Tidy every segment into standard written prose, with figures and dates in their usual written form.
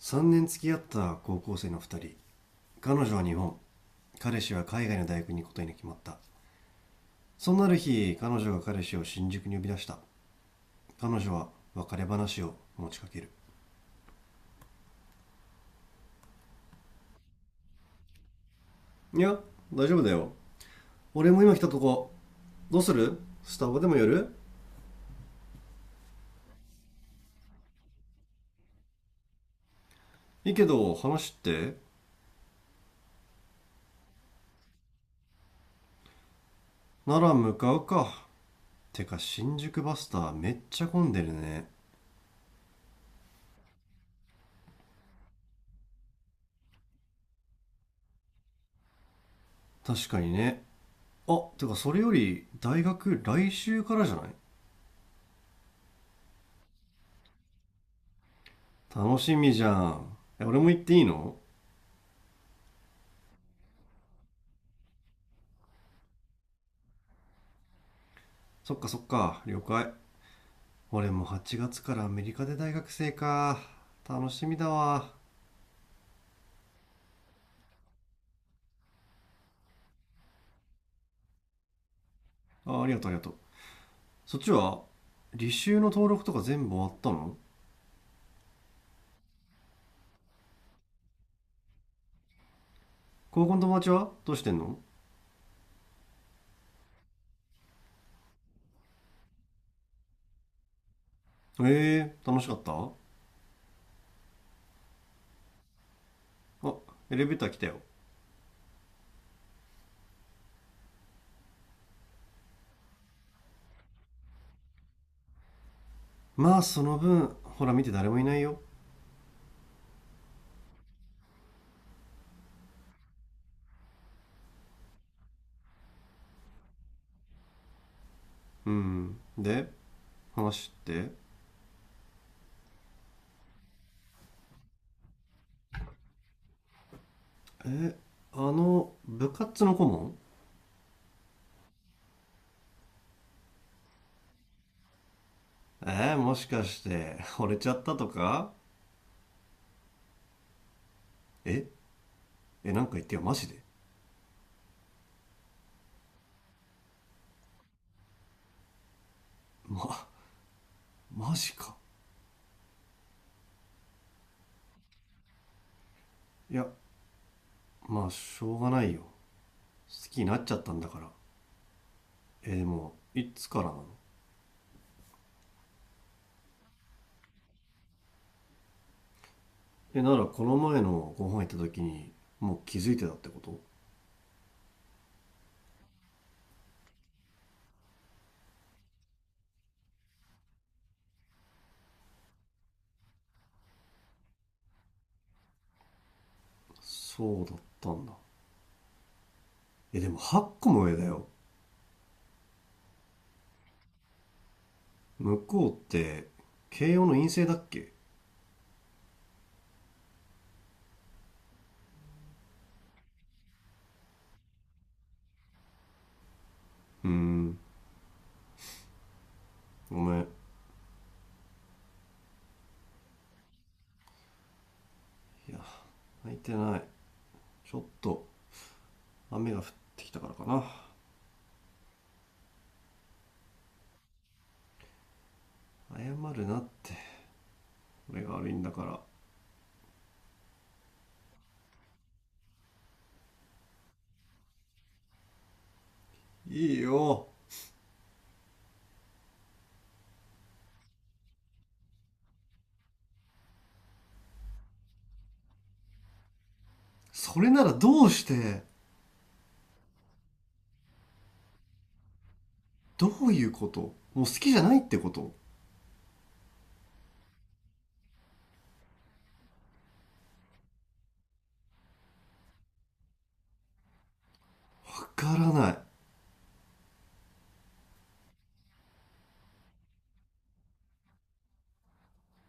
3年付き合った高校生の2人。彼女は日本、彼氏は海外の大学に行くことに決まった。そんなある日、彼女が彼氏を新宿に呼び出した。彼女は別れ話を持ちかける。いや、大丈夫だよ。俺も今来たとこ。どうする？スタバでも寄る？いいけど、話って？なら向かうか。てか新宿バスターめっちゃ混んでるね。確かにね。あ、てかそれより大学来週からじゃない？楽しみじゃん。え、俺も行っていいの？そっかそっか、了解。俺も8月からアメリカで大学生か。楽しみだわ。あ、ありがとうありがとう。そっちは履修の登録とか全部終わったの？高校の友達はどうしてんの？ええー、楽しかった？あ、エレベーター来たよ。まあその分、ほら見て誰もいないよ。うん。で、話って？え、あの、部活の顧問？えー、もしかして、惚れちゃったとか？え、え、なんか言ってよ、マジで。ま、マジか。いや、まあしょうがないよ。好きになっちゃったんだから。えー、でもいつからなの？え、ならこの前のご飯行った時にもう気づいてたってこと？そうだったんだ。え、でも8個も上だよ。向こうって慶応の陰性だっけ？うーん、ごめん。いや、泣いてない。ちょっと雨が降ってきたからかな。謝るなって。俺が悪いんだから。いいよ。それならどうして？どういうこと？もう好きじゃないってこと？わからない。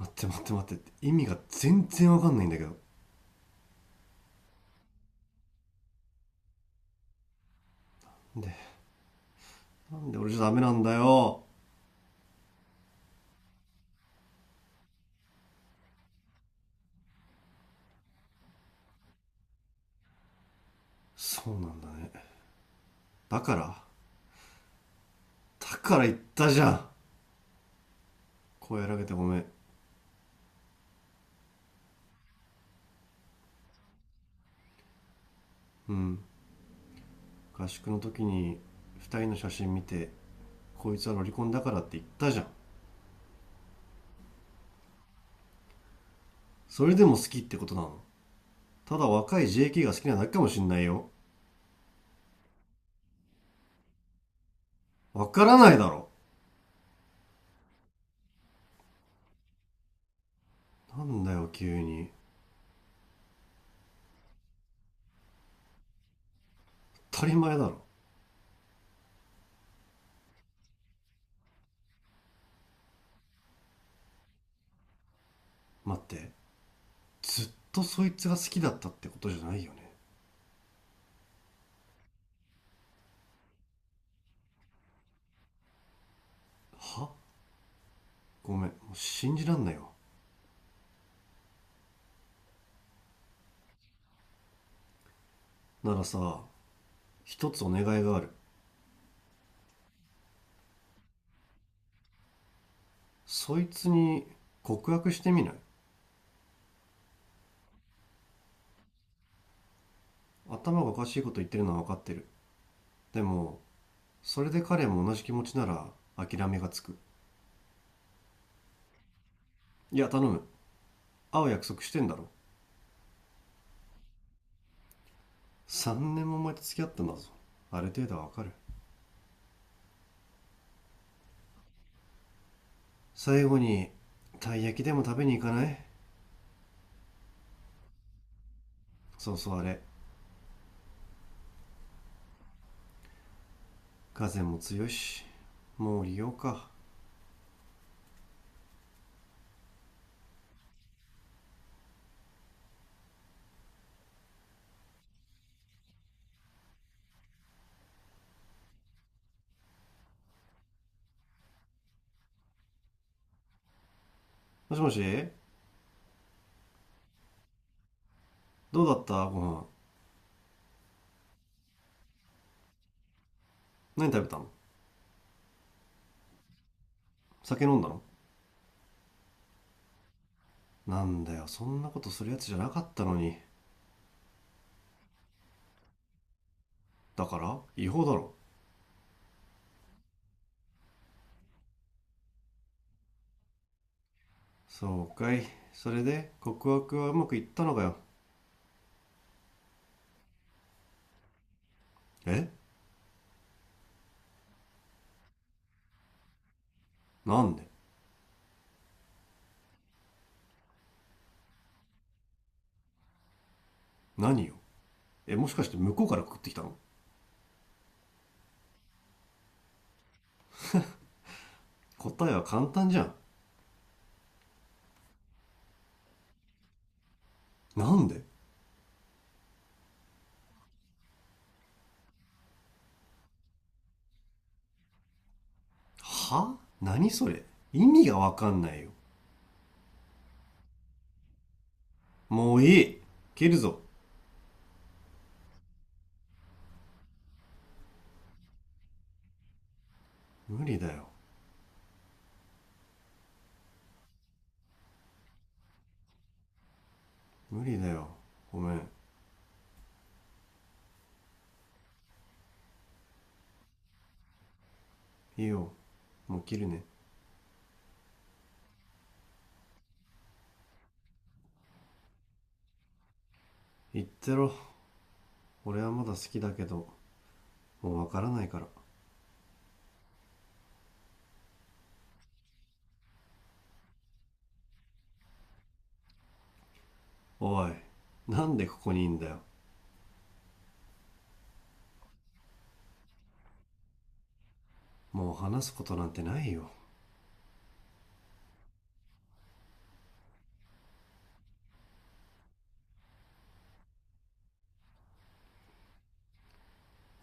待って待って待って。意味が全然わかんないんだけど。で、なんで俺じゃダメなんだよ。そうなんだね。だからだから言ったじゃん。声荒げてごめん。うん。合宿の時に二人の写真見て、こいつはロリコンだからって言ったじゃん。それでも好きってことなの？ただ若い JK が好きなだけかもしんないよ。わからないだろ。なんだよ急に。当たり前だろ。待って。ずっとそいつが好きだったってことじゃないよね。は？ごめん、もう信じらんないよ。ならさ、一つお願いがある。そいつに告白してみない？頭がおかしいこと言ってるのは分かってる。でも、それで彼も同じ気持ちなら諦めがつく。いや、頼む。会う約束してんだろ。3年も前と付き合ったんだぞ。ある程度は分かる。最後に、たい焼きでも食べに行かない？そうそう、あれ。風も強いし。もう利用か。もしもし。どうだったご飯？何食べたの？酒飲んだの？なんだよ、そんなことするやつじゃなかったのに。だから違法だろ。そうかい。それで告白はうまくいったのかよ。え、なんで？何よ？え、もしかして向こうから告ってきたの？答えは簡単じゃん。なんで？は？何それ？意味がわかんないよ。もういい。切るぞ。無理だよ。無理だよ。ごめん。いいよ。もう切るね。言ってろ。俺はまだ好きだけどもうわからないから。おい、なんでここにいんだよ？もう話すことなんてないよ。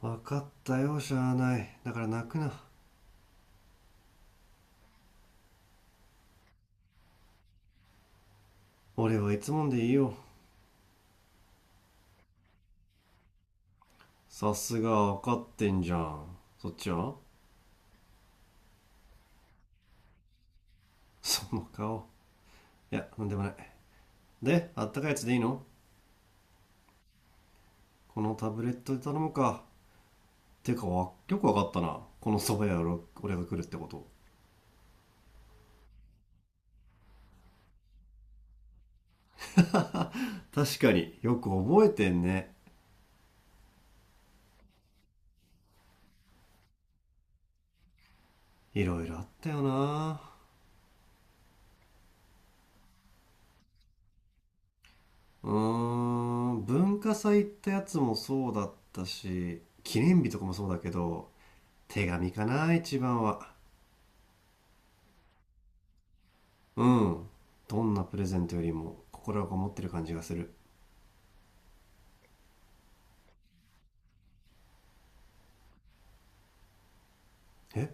分かったよ、しゃあない。だから泣くな。俺はいつもんでいいよ。さすが分かってんじゃん。そっちは？その顔。いや、なんでもない。で、あったかいやつでいいの？このタブレットで頼むか。てか、よく分かったな、この蕎麦屋を俺が来るってこと。確かによく覚えてんね。いろいろあったよな。うーん、文化祭ってやつもそうだったし記念日とかもそうだけど、手紙かな、一番は。うん。どんなプレゼントよりも心がこもってる感じがする。え、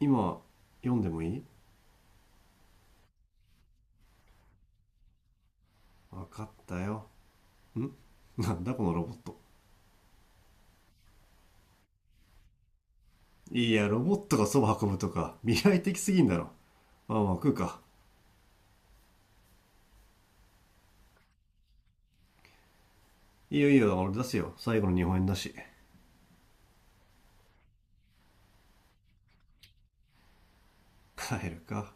今読んでもいい？分かったよ。ん、なんだこのロボット？いや、ロボットがそば運ぶとか未来的すぎんだろ。まあまあ、食うか。いいよいいよ、俺出すよ。最後の日本円だし。帰るか。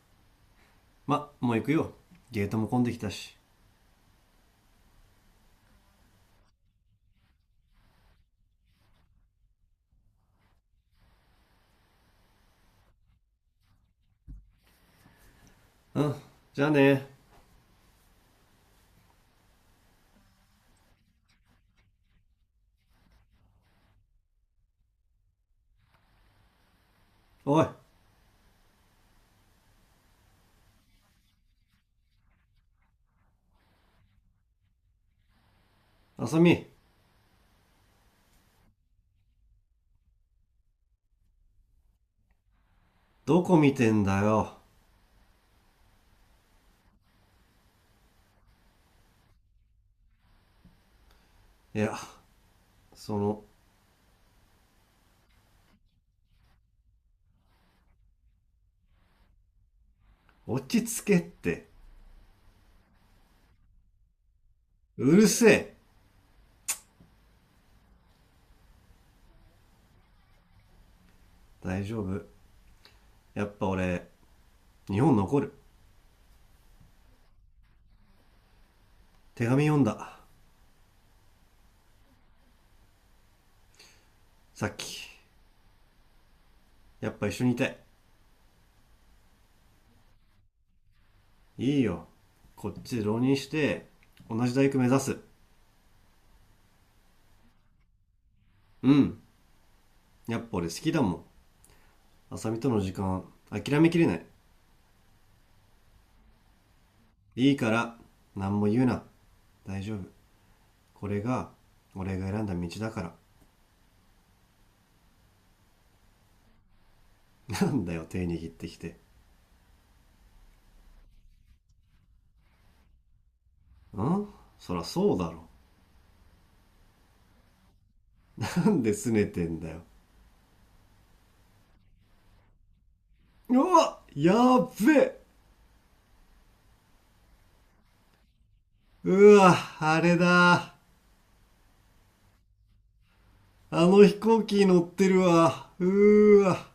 ま、もう行くよ。ゲートも混んできたし。うん。じゃあね。おい、あさみ。どこ見てんだよ。いや、その。落ち着けって。うるせえ。大丈夫。やっぱ俺、日本残る。手紙読んだ。さっき。やっぱ一緒にいたい。いいよ。こっちで浪人して、同じ大学目指す。うん。やっぱ俺好きだもん。あさみとの時間、諦めきれない。いいから、何も言うな。大丈夫。これが、俺が選んだ道だから。なんだよ、手握ってきて。ん、そらそうだろ。なんで拗ねてんだよ。うわ、やっべ。うわ、あれだ。あの飛行機乗ってるわ。うーわ。